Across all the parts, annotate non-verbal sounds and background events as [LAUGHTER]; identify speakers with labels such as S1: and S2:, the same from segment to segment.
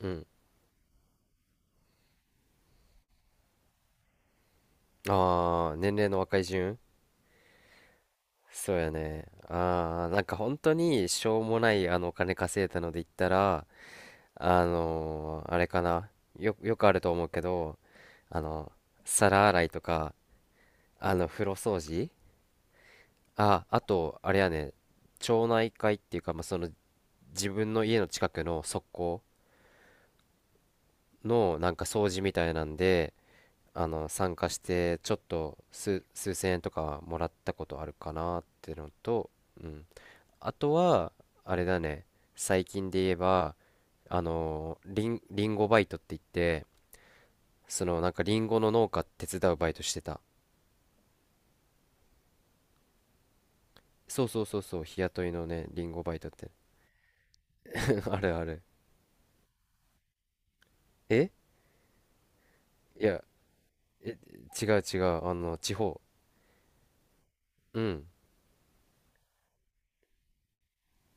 S1: うん。ああ、年齢の若い順、そうやね。ああ、なんか本当にしょうもないお金稼いだので言ったら、あれかな。よくあると思うけど、あの、皿洗いとか、風呂掃除、あ、あと、あれやね、町内会っていうか、まあ、その、自分の家の近くの側溝のなんか掃除みたいなんで、参加して、ちょっと数千円とかもらったことあるかなっていうのと、うん。あとは、あれだね、最近で言えば、リンゴバイトって言って、そのなんかリンゴの農家手伝うバイトしてた。そうそうそうそう、日雇いのね、リンゴバイトって。[LAUGHS] あるある。え、いや、え、違う違う、あの、地方。うん。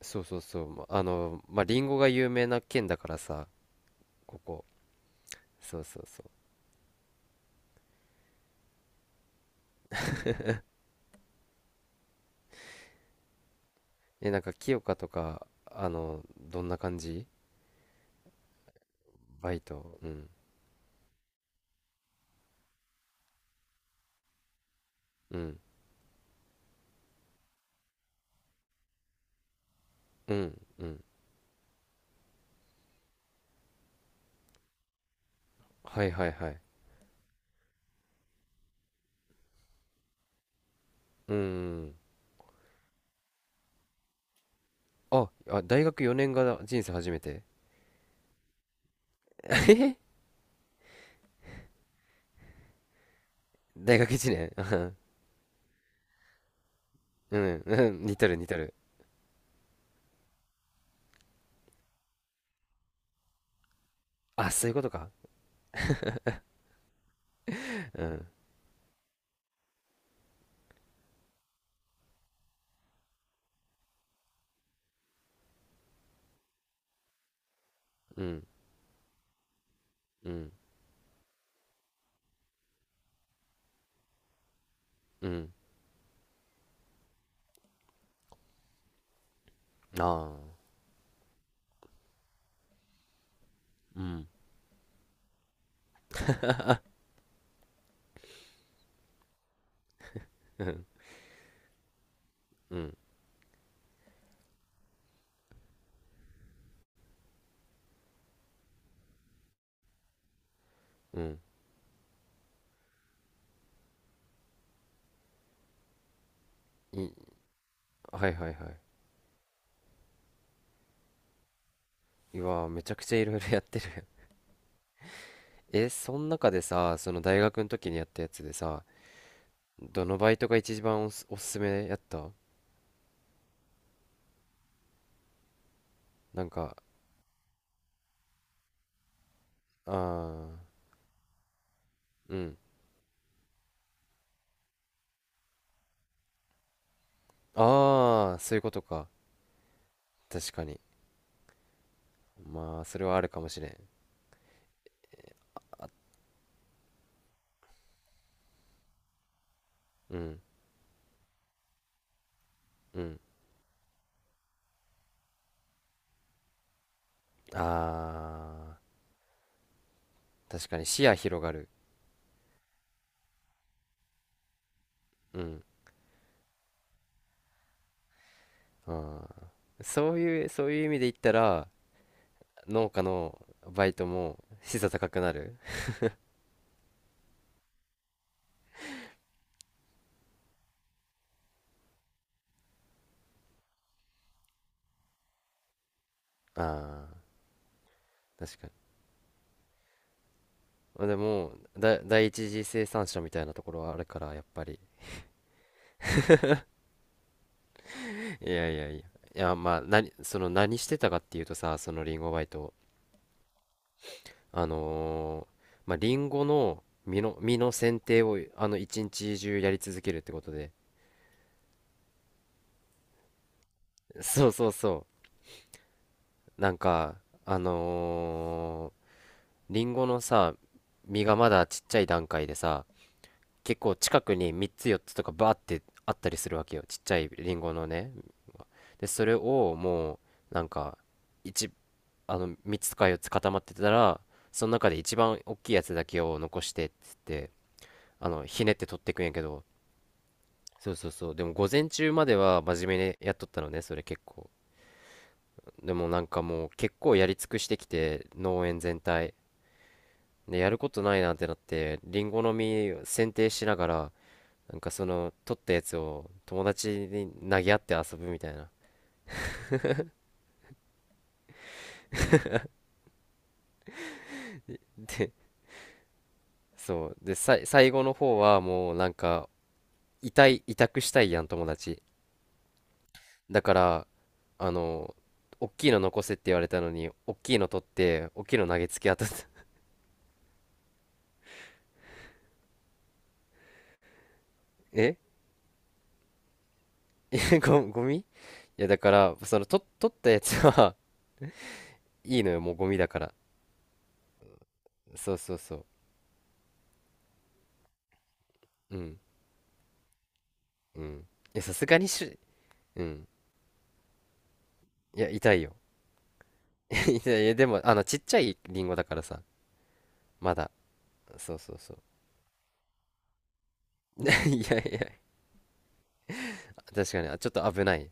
S1: そうそうそう。まあの、まあ、リンゴが有名な県だからさ、ここ。そうそうそう。え、なんか清香とか、あの、どんな感じ、バイト。うん。うん。うん。うん。はいはいはい。うん。あ、あ、大学4年が人生初めて。[LAUGHS] え、大学1年。 [LAUGHS] うん、うん、似てる似てる。あ、そういうことか。うん、うん、うん、うん。ああ、うん、うん、うん、うん。い、はいはいはい。うわー、めちゃくちゃいろいろやってる。[LAUGHS] え、その中でさ、その大学の時にやったやつでさ、どのバイトが一番おすすめやった？なんか、ああ、うん。ああ、そういうことか。確かに。まあ、それはあるかもしれん。うん。うん。あー、確かに視野広がる。うん。あー、そういう、そういう意味で言ったら、農家のバイトも資座高くなる。ああ、確かに。でも、だ、第一次生産者みたいなところはあるから、やっぱり。いやいやいや。いや、まあ、何、その何してたかっていうとさ、そのリンゴバイト。あのーまあ、リンゴの実の剪定を、あの、一日中やり続けるってことで。そうそうそう。なんか、あのーリンゴのさ、実がまだちっちゃい段階でさ、結構近くに3つ4つとかバーってあったりするわけよ。ちっちゃいリンゴのね。で、それをもう、なんか、一、あの、3つか4つ固まってたら、その中で一番大きいやつだけを残してっつって、あの、ひねって取ってくんやけど、そうそうそう。でも午前中までは真面目にやっとったのね、それ結構。でもなんかもう結構やり尽くしてきて、農園全体。で、やることないなってなって、リンゴの実剪定しながら、なんかその、取ったやつを友達に投げ合って遊ぶみたいな。で、そう。で、さい、最後の方はもうなんか、委託したいやん、友達。だから、あの、おっきいの残せって言われたのに、おっきいの取って、おっきいの投げつけ当たった。[LAUGHS] え、えご [LAUGHS]、ゴミ、いや、だから、その、と、取ったやつは [LAUGHS] いいのよ、もうゴミだから。そうそうそう。うん、うん。いや、さすがにし、うん。いや、痛いよ。[LAUGHS] いやいやでも、あの、ちっちゃいリンゴだからさ、まだ。そうそうそう。[LAUGHS] いやいや、確かに、あ、ちょっと危ない。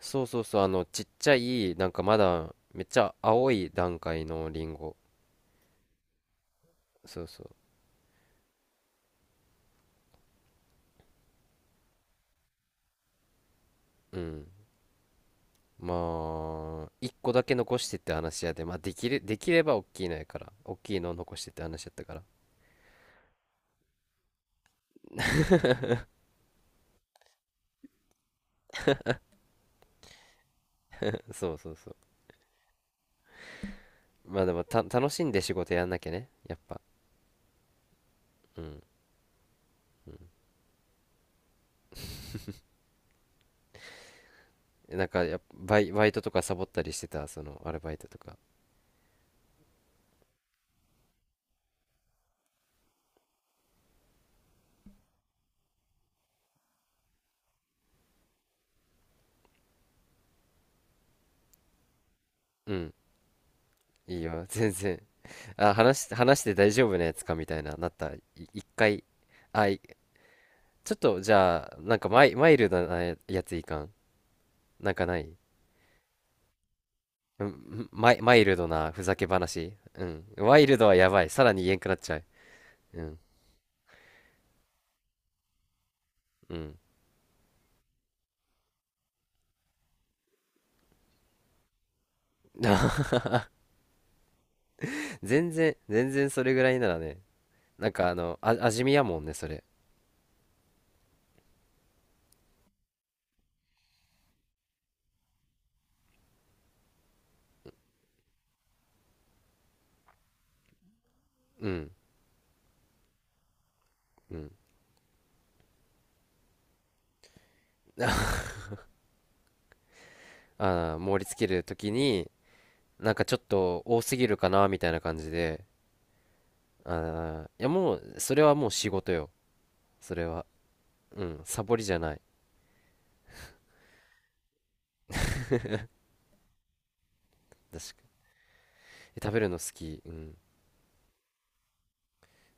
S1: そうそうそう、あの、ちっちゃい、なんかまだ、めっちゃ青い段階のリンゴ。そうそう。うん。まあ、一個だけ残してって話やで、まあ、できる、できれば大きいのやから、大きいのを残してって話やったから。[LAUGHS] そうそうそう。まあでも、た、楽しんで仕事やんなきゃね、やっぱ。うん。なんかやっぱ、バイトとかサボったりしてた、その、アルバイトとか。うん、いいよ、全然。あ、話し、話して大丈夫なやつかみたいな、なった。い、一回。あ、い、ちょっと、じゃあ、なんかマイルドなややついかん。なんかない？うん、マイルドなふざけ話。うん。ワイルドはやばい。さらに言えんくなっちゃう。うん。うん。[LAUGHS] 全然、全然それぐらいならね。なんかあの、あ、味見やもんね、それ。うん。うん。[LAUGHS] あー、盛り付けるときに、なんかちょっと多すぎるかな、みたいな感じで。あー、いやもう、それはもう仕事よ。それは、うん、サボりじゃない。確か、え、食べるの好き？うん、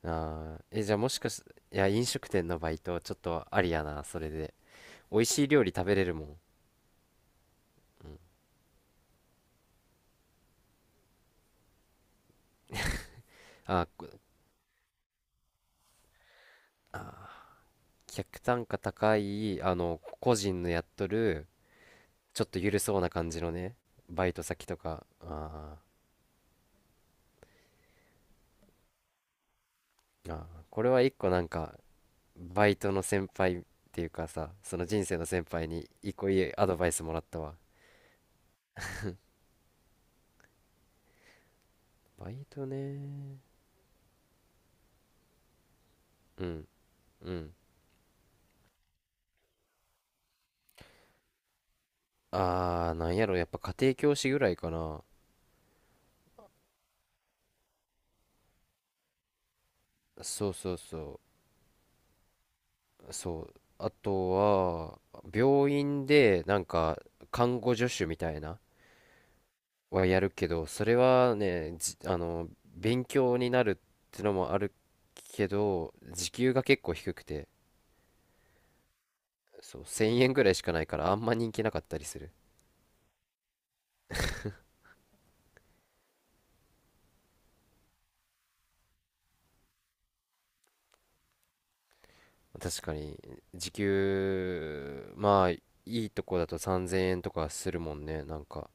S1: あー、え、じゃあもしかし、いや、飲食店のバイトちょっとありやな、それで。美味しい料理食べれるもん、うん。あー、こ、あー、客単価高いあの個人のやっとるちょっと緩そうな感じのねバイト先とか、あー、あー、これは一個なんかバイトの先輩っていうかさ、その人生の先輩に一個いいアドバイスもらったわ。バイトね。うん。うん。あー、なんやろ、やっぱ家庭教師ぐらいかな。そうそうそう。そう。あとは、病院で、なんか、看護助手みたいな、はやるけど、それはね、じ、あの、勉強になるってのもあるけど、時給が結構低くて、そう、1000円ぐらいしかないから、あんま人気なかったりする。確かに、時給、まあ、いいとこだと3000円とかするもんね、なんか。